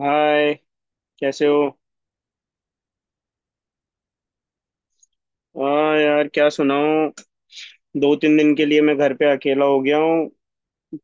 हाय। कैसे हो। हाँ यार, क्या सुनाऊं। दो तीन दिन के लिए मैं घर पे अकेला हो गया हूँ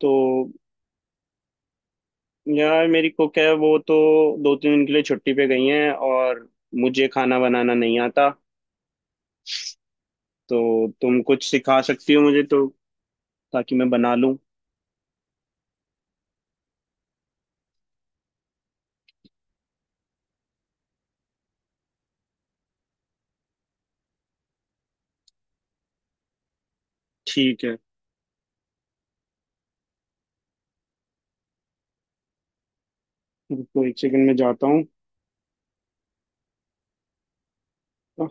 तो। यार मेरी कुक है, वो तो दो तीन दिन के लिए छुट्टी पे गई हैं, और मुझे खाना बनाना नहीं आता, तो तुम कुछ सिखा सकती हो मुझे तो। ताकि मैं बना लूं। ठीक है। रुको, एक सेकंड में जाता हूँ। हाँ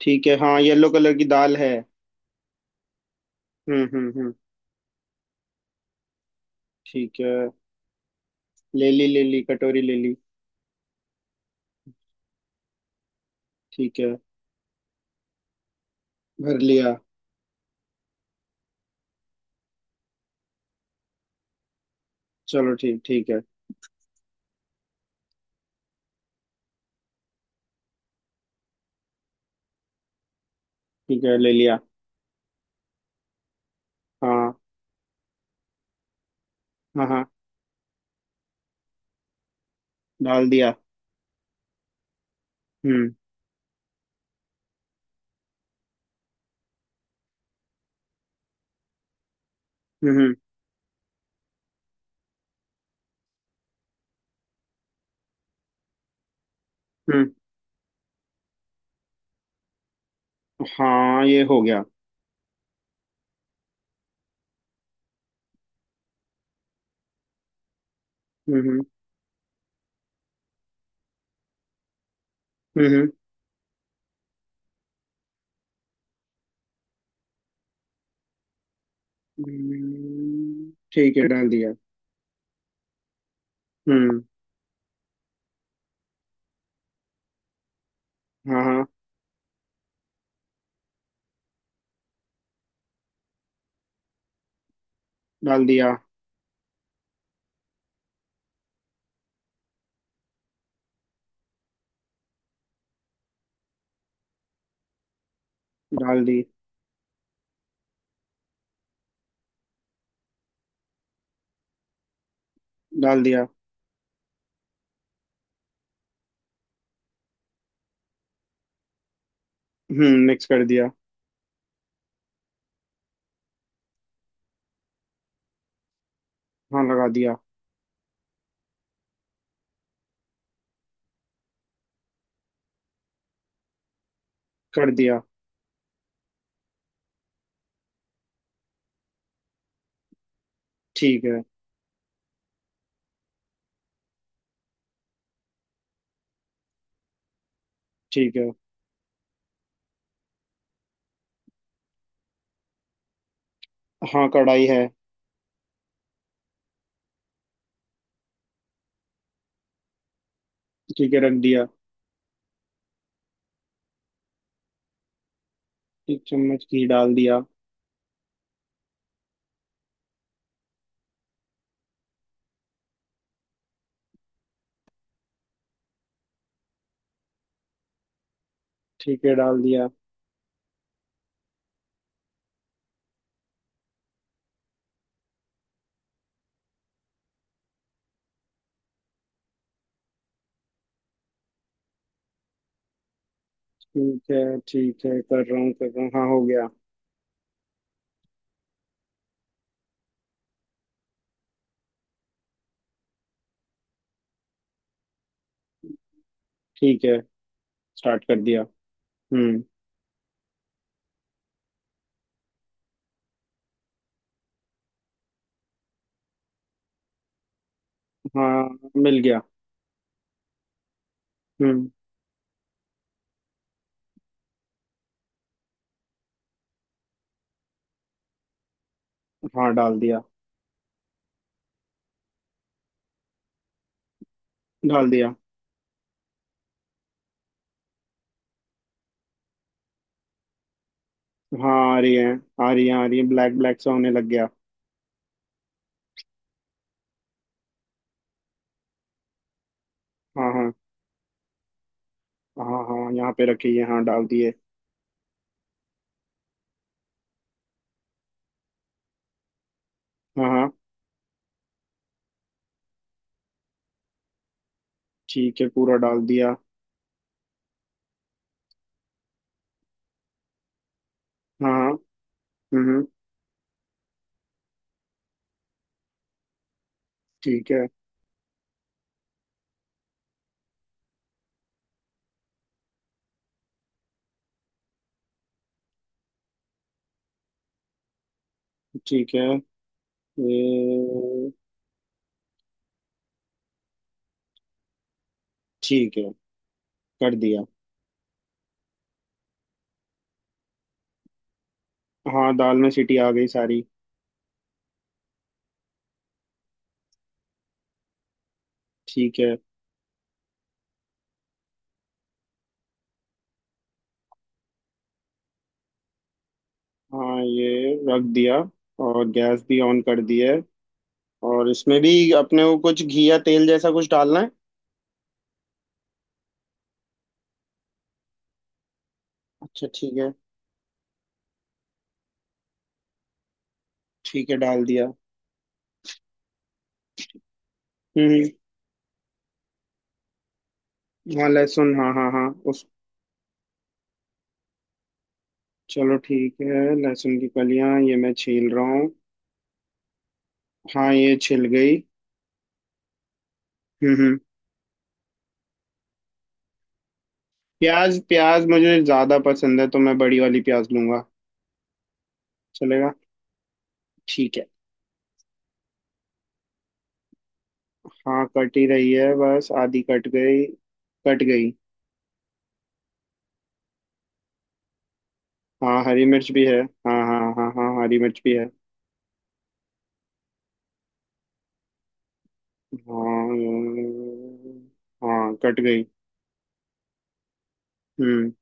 ठीक है। हाँ, येलो कलर की दाल है। हम्म। ठीक है, ले ली। कटोरी ले ली। ठीक है, भर लिया। चलो, ठीक ठीक है। ठीक है, ले लिया। हाँ हाँ। हाँ डाल दिया। हम्म हम्म हम्म हम्म, हाँ ये हो गया। हम्म हम्म हम्म ठीक है डाल दिया। हम्म। हाँ हाँ डाल दिया। डाल दी। डाल दिया। मिक्स कर दिया। हाँ लगा दिया। कर दिया। ठीक है। ठीक है। हाँ कढ़ाई है। ठीक है, रख दिया। 1 चम्मच घी डाल दिया। ठीक है, डाल दिया। ठीक है। ठीक है, कर रहा हूँ कर रहा हूँ, हाँ हो गया। ठीक है, स्टार्ट कर दिया। हम्म। हाँ मिल गया। हम्म। हाँ डाल दिया। डाल दिया। हाँ आ रही है, आ रही है। आ रही है, ब्लैक ब्लैक सा होने लग गया। हाँ हाँ हाँ। हाँ यहाँ पे रखी है, हाँ डाल दिए। हाँ हाँ। ठीक है, पूरा डाल दिया। हाँ हाँ। हम्म हम्म, ठीक है। ठीक है ये ठीक है, कर दिया। हाँ दाल में सीटी आ गई सारी। ठीक है। हाँ ये रख दिया, और गैस भी ऑन कर दी है। और इसमें भी अपने को कुछ घी या तेल जैसा कुछ डालना है। अच्छा, ठीक है। ठीक है, डाल दिया। हम्म। हाँ लहसुन, हाँ हाँ हाँ उस चलो ठीक है, लहसुन की कलियां ये मैं छील रहा हूँ। हाँ ये छिल गई। हम्म। प्याज प्याज मुझे ज्यादा पसंद है, तो मैं बड़ी वाली प्याज लूंगा। चलेगा। ठीक है। हाँ कट ही रही है, बस आधी कट गई। कट गई। हाँ हरी मिर्च भी है। हाँ हाँ हाँ हाँ, हरी मिर्च भी है। हाँ हाँ कट गई। हम्म।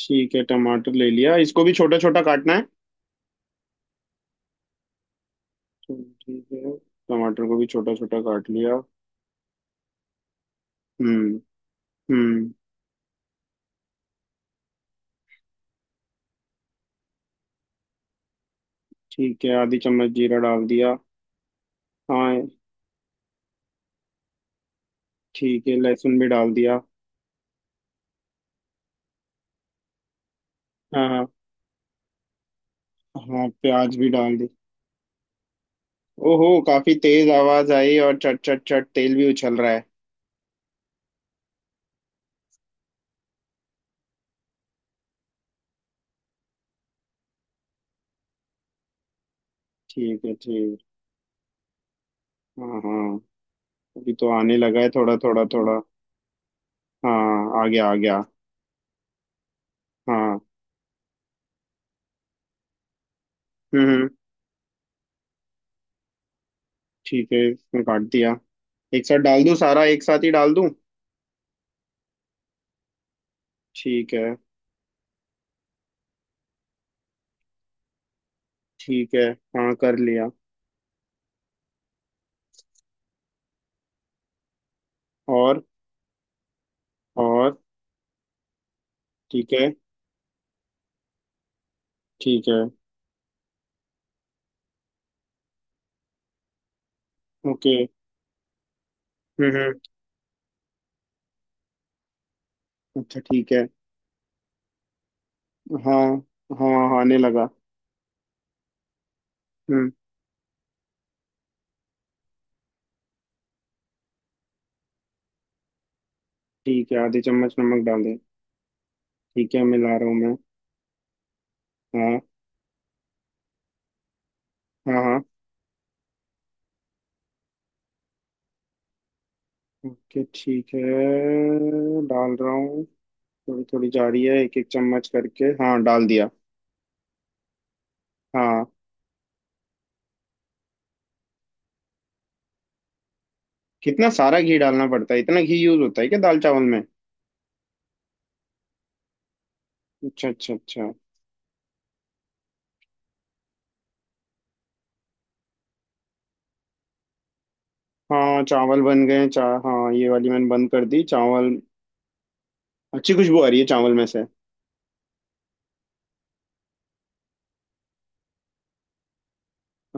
ठीक है टमाटर ले लिया, इसको भी छोटा छोटा काटना है तो। ठीक है, टमाटर को भी छोटा छोटा काट लिया। हम्म हम्म। ठीक है, आधी चम्मच जीरा डाल दिया। हाँ ठीक है, लहसुन भी डाल दिया। हाँ हाँ हाँ, प्याज भी डाल दी। ओहो, काफी तेज आवाज आई, और चट चट चट तेल भी उछल रहा है। ठीक है। ठीक हाँ हाँ, अभी तो आने लगा है थोड़ा थोड़ा थोड़ा। हाँ आ गया, आ गया। हाँ। हम्म हम्म, ठीक है इसमें काट दिया। एक साथ डाल दूं सारा, एक साथ ही डाल दूं। ठीक है। ठीक है, हाँ कर लिया। और और ठीक है। ठीक है। ओके। हम्म। अच्छा ठीक है। हाँ हाँ हाँ, आने लगा। हम्म। ठीक है, आधी चम्मच नमक डाल दे। ठीक है, मिला रहा हूँ मैं। हाँ हाँ हाँ। ओके ठीक है, डाल रहा हूँ। थोड़ी थोड़ी जा रही है, एक एक चम्मच करके, हाँ डाल दिया। हाँ। कितना सारा घी डालना पड़ता है, इतना घी यूज होता है क्या दाल चावल में। अच्छा अच्छा अच्छा। हाँ चावल बन गए, चा हाँ ये वाली मैंने बंद कर दी, चावल। अच्छी खुशबू आ रही है चावल में से।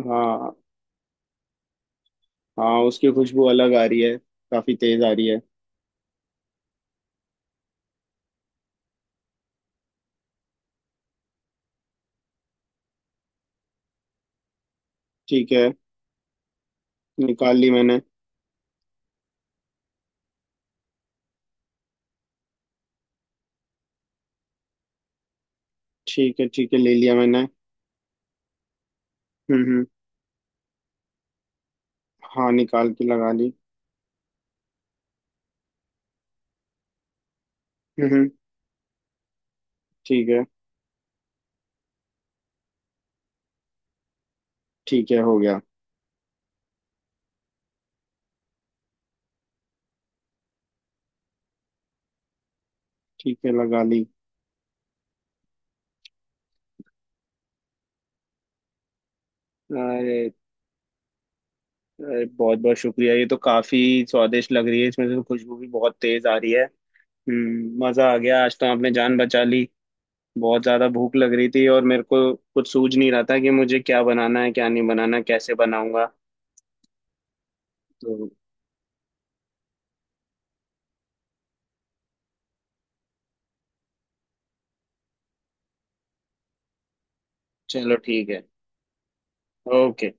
हाँ हाँ, उसकी खुशबू अलग आ रही है। काफी तेज आ रही है। ठीक है। निकाल ली मैंने। ठीक है। ठीक है, ले लिया मैंने। हम्म। हाँ निकाल के लगा ली। हम्म। ठीक है। ठीक है, हो गया। ठीक है, लगा ली। अरे, अरे बहुत बहुत शुक्रिया। ये तो काफी स्वादिष्ट लग रही है, इसमें से तो खुशबू भी बहुत तेज आ रही है। मजा आ गया आज, तो आपने जान बचा ली। बहुत ज्यादा भूख लग रही थी, और मेरे को कुछ सूझ नहीं रहा था कि मुझे क्या बनाना है, क्या नहीं बनाना, कैसे बनाऊंगा। तो चलो, ठीक है। ओके।